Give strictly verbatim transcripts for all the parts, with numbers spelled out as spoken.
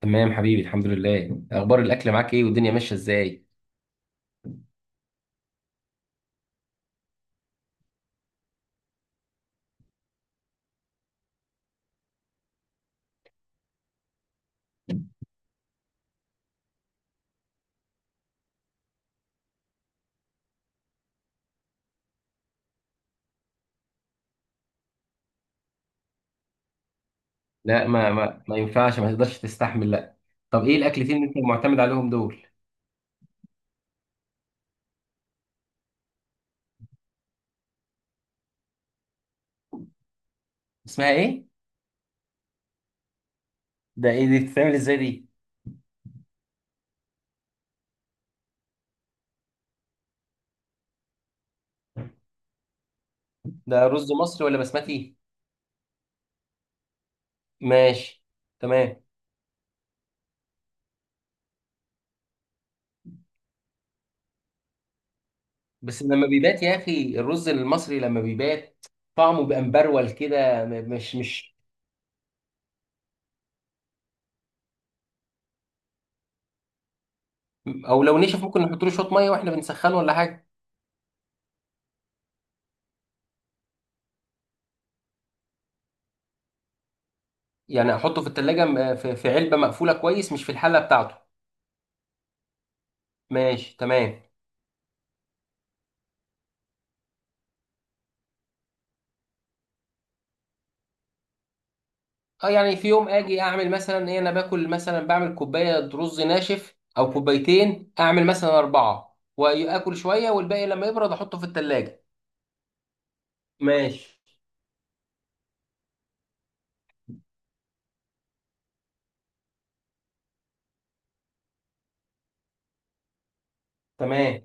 تمام حبيبي، الحمد لله. اخبار الاكل معاك ايه والدنيا ماشيه ازاي؟ لا، ما ما, ما ينفعش، ما تقدرش تستحمل، لا. طب ايه الاكلتين اللي انت معتمد عليهم دول؟ اسمها ايه؟ ده ايه دي، بتتعمل ازاي دي؟ ده رز مصري ولا بسمتي؟ ماشي تمام. بس لما بيبات يا اخي، الرز المصري لما بيبات طعمه بيبقى مبرول كده م- مش مش او لو نشف ممكن نحط له شويه ميه واحنا بنسخنه ولا حاجه؟ يعني احطه في التلاجة م- في في علبة مقفولة كويس، مش في الحلة بتاعته. ماشي تمام. اه، يعني في يوم اجي اعمل مثلا ايه، انا باكل مثلا بعمل كوباية رز ناشف او كوبايتين، اعمل مثلا اربعة واكل شوية والباقي لما يبرد احطه في التلاجة. ماشي تمام.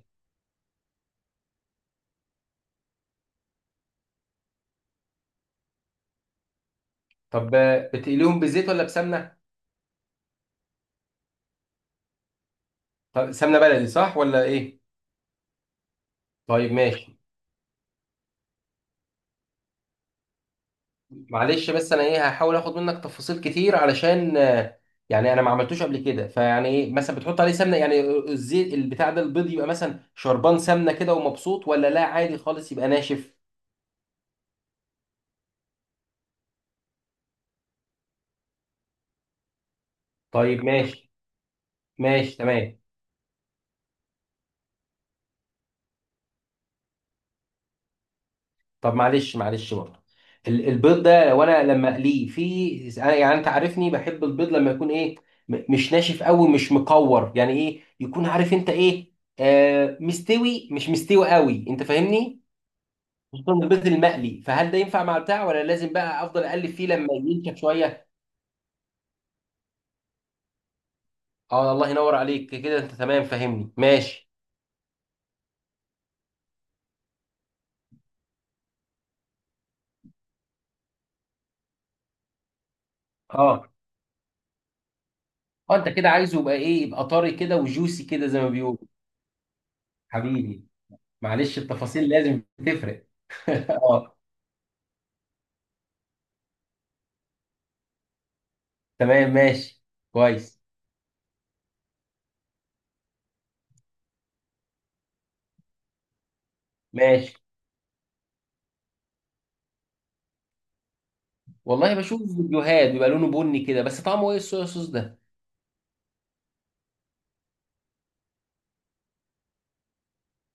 طب آه، بتقليهم بزيت ولا بسمنة؟ طب سمنة بلدي صح ولا ايه؟ طيب ماشي. معلش، بس انا ايه هحاول اخد منك تفاصيل كتير علشان آه، يعني انا ما عملتوش قبل كده، فيعني ايه مثلا بتحط عليه سمنه يعني، الزيت البتاع ده، البيض يبقى مثلا شربان سمنه كده ومبسوط ولا لا عادي خالص يبقى ناشف؟ طيب ماشي. ماشي تمام. طب معلش، معلش برضه، ال- البيض ده وانا لما اقليه في أنا- يعني انت عارفني بحب البيض لما يكون ايه، م- مش ناشف قوي، مش مقور يعني، ايه يكون عارف انت ايه، آه مستوي مش مستوي قوي، انت فاهمني. خصوصا البيض المقلي، فهل ده ينفع مع بتاع ولا لازم بقى افضل اقلب فيه لما ينشف شويه؟ اه الله ينور عليك، كده انت تمام فاهمني، ماشي. اه اه، انت كده عايزه يبقى ايه، يبقى طري كده وجوسي كده زي ما بيقولوا. حبيبي. معلش، التفاصيل لازم تفرق اه. تمام ماشي. كويس. ماشي. والله بشوف فيديوهات بيبقى لونه بني كده، بس طعمه ايه الصويا صوص ده؟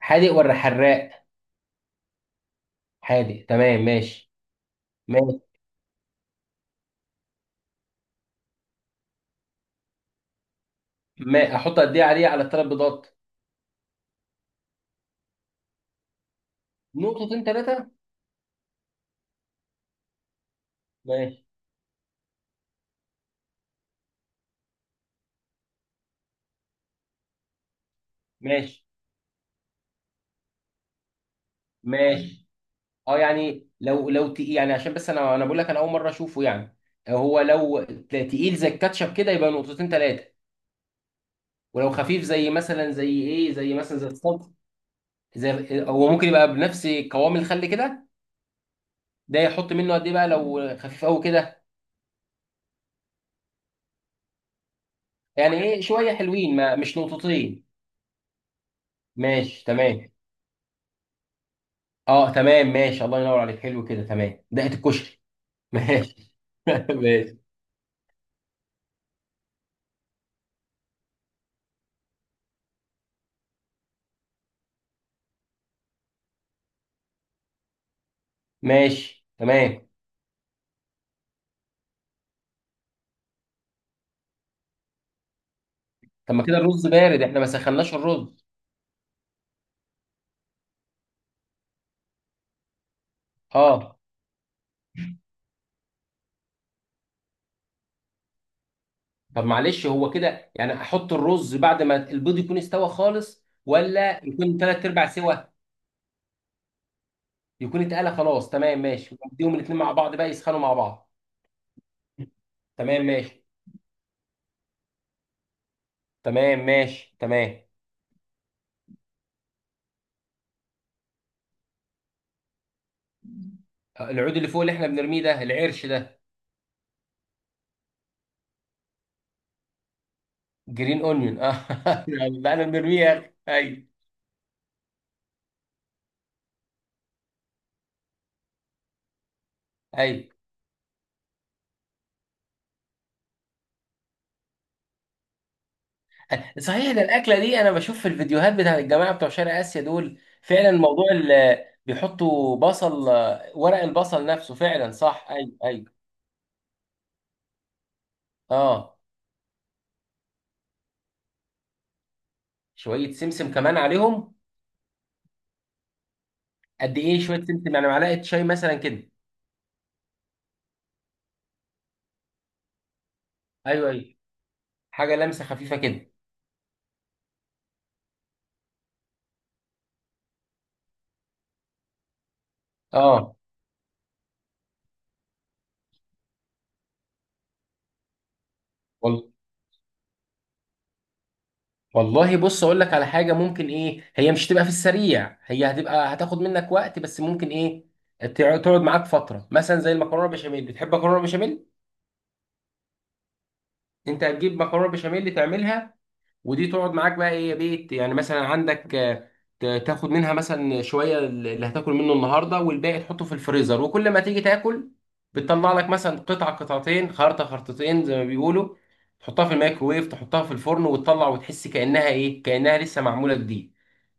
حادق ولا حراق؟ حادق، تمام ماشي. ماشي. ما احط قد ايه عليه على الثلاث بيضات؟ نقطتين ثلاثه؟ ماشي. ماشي. ماشي. اه، يعني لو لو تقيل، يعني عشان بس انا انا بقول لك انا اول مره اشوفه يعني. هو لو تلا- تقيل زي الكاتشب كده يبقى نقطتين ثلاثه، ولو خفيف زي مثلا زي ايه، زي مثلا زي الصلصه، زي، هو ممكن يبقى بنفس قوام الخل كده، ده يحط منه قد ايه بقى لو خفيف قوي كده؟ يعني ايه، شويه حلوين؟ ما مش نقطتين. ماشي تمام. اه تمام ماشي، الله ينور عليك، حلو كده تمام، دقه الكشري. ماشي ماشي. ماشي تمام. طب ما كده الرز بارد، احنا ما سخناش الرز. اه. طب معلش، هو كده يعني احط الرز بعد ما البيض يكون استوى خالص ولا يكون ثلاث ارباع سوا؟ يكون اتقلى خلاص، تمام ماشي، واديهم الاثنين مع بعض بقى يسخنوا مع بعض. تمام ماشي. تمام ماشي تمام. العود اللي فوق اللي احنا بنرميه ده، العرش ده؟ جرين اونيون اه. بقى انا بنرميه يا اخي. ايوه ايوه. صحيح، ده الاكله دي انا بشوف في الفيديوهات بتاع الجماعه بتوع شرق اسيا دول، فعلا موضوع ال- بيحطوا بصل، آه، ورق البصل نفسه، فعلا صح، ايوه ايوه. اه. شويه سمسم كمان عليهم. قد ايه شويه سمسم، يعني معلقه شاي مثلا كده؟ ايوه ايوه، حاجه، لمسه خفيفه كده. اه. وال- والله، بص اقول لك على حاجه ممكن، ايه، هي مش تبقى في السريع، هي هتبقى، هتاخد منك وقت، بس ممكن ايه تع- تقعد معاك فتره، مثلا زي المكرونه بشاميل. بتحب مكرونه بشاميل؟ انت هتجيب مكرونه بشاميل تعملها، ودي تقعد معاك بقى ايه يا بيت، يعني مثلا عندك، آه، ت- تاخد منها مثلا شويه اللي هتاكل منه النهارده، والباقي تحطه في الفريزر، وكل ما تيجي تاكل بتطلع لك مثلا قطعه قطعتين، خرطه خرطتين زي ما بيقولوا، تحطها في الميكروويف، تحطها في الفرن وتطلع وتحس كانها ايه، كانها لسه معموله جديد.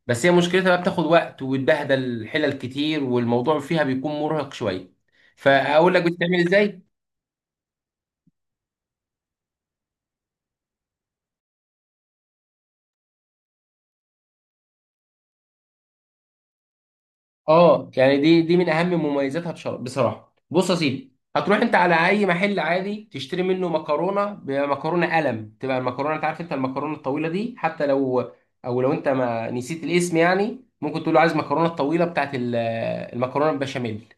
بس هي مشكلتها بقى بتاخد وقت وتبهدل الحلل كتير، والموضوع فيها بيكون مرهق شويه. فاقول لك بتتعمل ازاي. اه، يعني دي دي من اهم مميزاتها، بش- بصراحه. بص يا سيدي، هتروح انت على اي محل عادي تشتري منه مكرونه، بمكرونه قلم تبقى المكرونه، انت عارف انت المكرونه الطويله دي، حتى لو او لو انت ما نسيت الاسم يعني ممكن تقول له عايز مكرونه الطويله بتاعت ال- المكرونه البشاميل.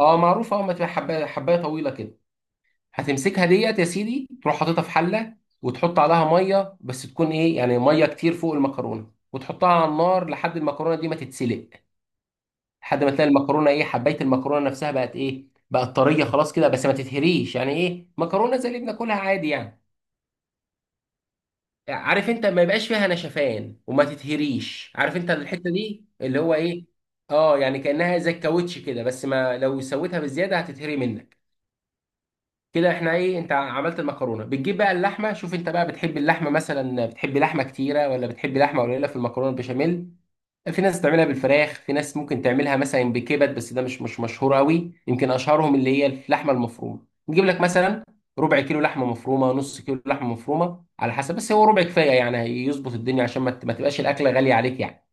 اه معروفه، اه، ما تبقى حبايه حبايه طويله كده. هتمسكها ديت يا سيدي، تروح حاططها في حله وتحط عليها ميه، بس تكون ايه يعني، ميه كتير فوق المكرونه، وتحطها على النار لحد المكرونه دي ما تتسلق. لحد ما تلاقي المكرونه ايه، حبايه المكرونه نفسها بقت ايه، بقت طريه خلاص كده، بس ما تتهريش يعني، ايه، مكرونه زي اللي بناكلها عادي يعني. عارف انت ما يبقاش فيها نشفان، وما تتهريش، عارف انت الحته دي اللي هو ايه. اه، يعني كانها زي الكاوتش كده، بس ما لو سويتها بزياده هتتهري منك. كده احنا ايه، انت عملت المكرونه، بتجيب بقى اللحمه. شوف انت بقى، بتحب اللحمه مثلا، بتحب لحمه كتيره ولا بتحب لحمه قليله في المكرونه البشاميل؟ في ناس بتعملها بالفراخ، في ناس ممكن تعملها مثلا بكبد، بس ده مش مش مشهور قوي، يمكن اشهرهم اللي هي اللحمه المفرومه. نجيب لك مثلا ربع كيلو لحمه مفرومه، نص كيلو لحمه مفرومه على حسب، بس هو ربع كفايه يعني، هيظبط الدنيا، عشان ما ت- ما تبقاش الاكله غاليه عليك يعني.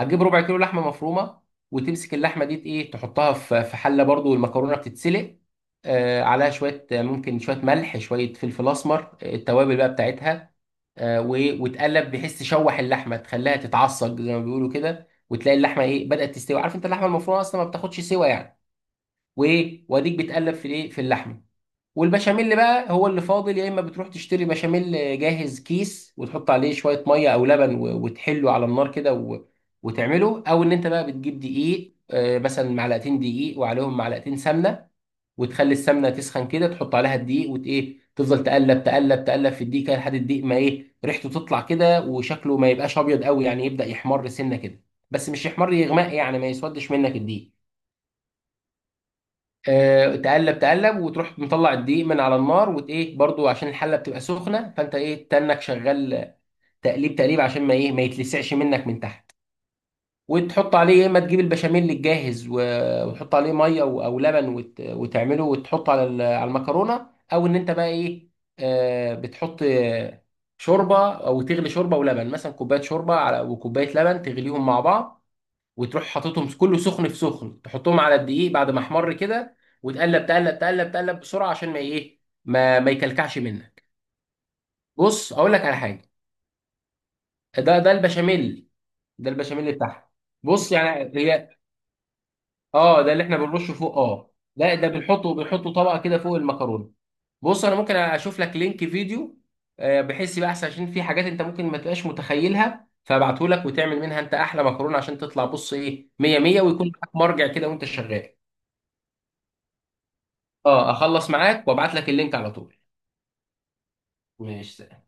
هتجيب ربع كيلو لحمه مفرومه، وتمسك اللحمه دي ايه، تحطها في في حله برضو، والمكرونه بتتسلق، آه، عليها شويه، آه، ممكن شويه ملح، شويه فلفل اسمر، آه، التوابل بقى بتاعتها، آه، و- وتقلب بحيث تشوح اللحمه، تخليها تتعصج زي ما بيقولوا كده، وتلاقي اللحمه ايه بدات تستوي، عارف انت اللحمه المفرومه اصلا ما بتاخدش سوا يعني. وايه، واديك بتقلب في الايه في اللحمه. والبشاميل بقى هو اللي فاضل، يا اما بتروح تشتري بشاميل جاهز، كيس، وتحط عليه شويه ميه او لبن و- وتحله على النار كده و- وتعمله، او ان انت بقى بتجيب دقيق، آه، مثلا معلقتين دقيق وعليهم معلقتين سمنه، وتخلي السمنه تسخن كده، تحط عليها الدقيق وت ايه، تفضل تقلب تقلب تقلب في الدقيق كده، لحد الدقيق ما ايه ريحته تطلع كده وشكله ما يبقاش ابيض قوي يعني، يبدا يحمر سنه كده، بس مش يحمر، يغمق يعني، ما يسودش منك الدقيق. آه، تقلب تقلب، وتروح مطلع الدقيق من على النار وت ايه، برضو عشان الحله بتبقى سخنه فانت ايه، تنك شغال، تقليب تقليب عشان ما ايه، ما يتلسعش منك من تحت. وتحط عليه، يا اما تجيب البشاميل الجاهز و- وتحط عليه ميه و- او لبن وت- وتعمله وتحطه على ال- على المكرونه، او ان انت بقى ايه، آه، بتحط آه، شوربه او تغلي شوربه ولبن، مثلا كوبايه شوربه على وكوبايه لبن، تغليهم مع بعض، وتروح حاططهم كله سخن في سخن، تحطهم على الدقيق بعد ما احمر كده، وتقلب تقلب تقلب تقلب بسرعه عشان ما ايه، ما ما يكلكعش منك. بص اقول لك على حاجه. ده ده البشاميل، ده البشاميل بتاعها. بص يعني هي، اه ده اللي احنا بنرشه فوق، اه لا ده بنحطه بنحطه طبقه كده فوق المكرونه. بص انا ممكن اشوف لك لينك فيديو، آه، بحيث يبقى احسن، عشان في حاجات انت ممكن ما تبقاش متخيلها، فابعته لك وتعمل منها انت احلى مكرونه عشان تطلع بص ايه ميه ميه، ويكون معاك مرجع كده وانت شغال. اه اخلص معاك وابعت لك اللينك على طول. ماشي.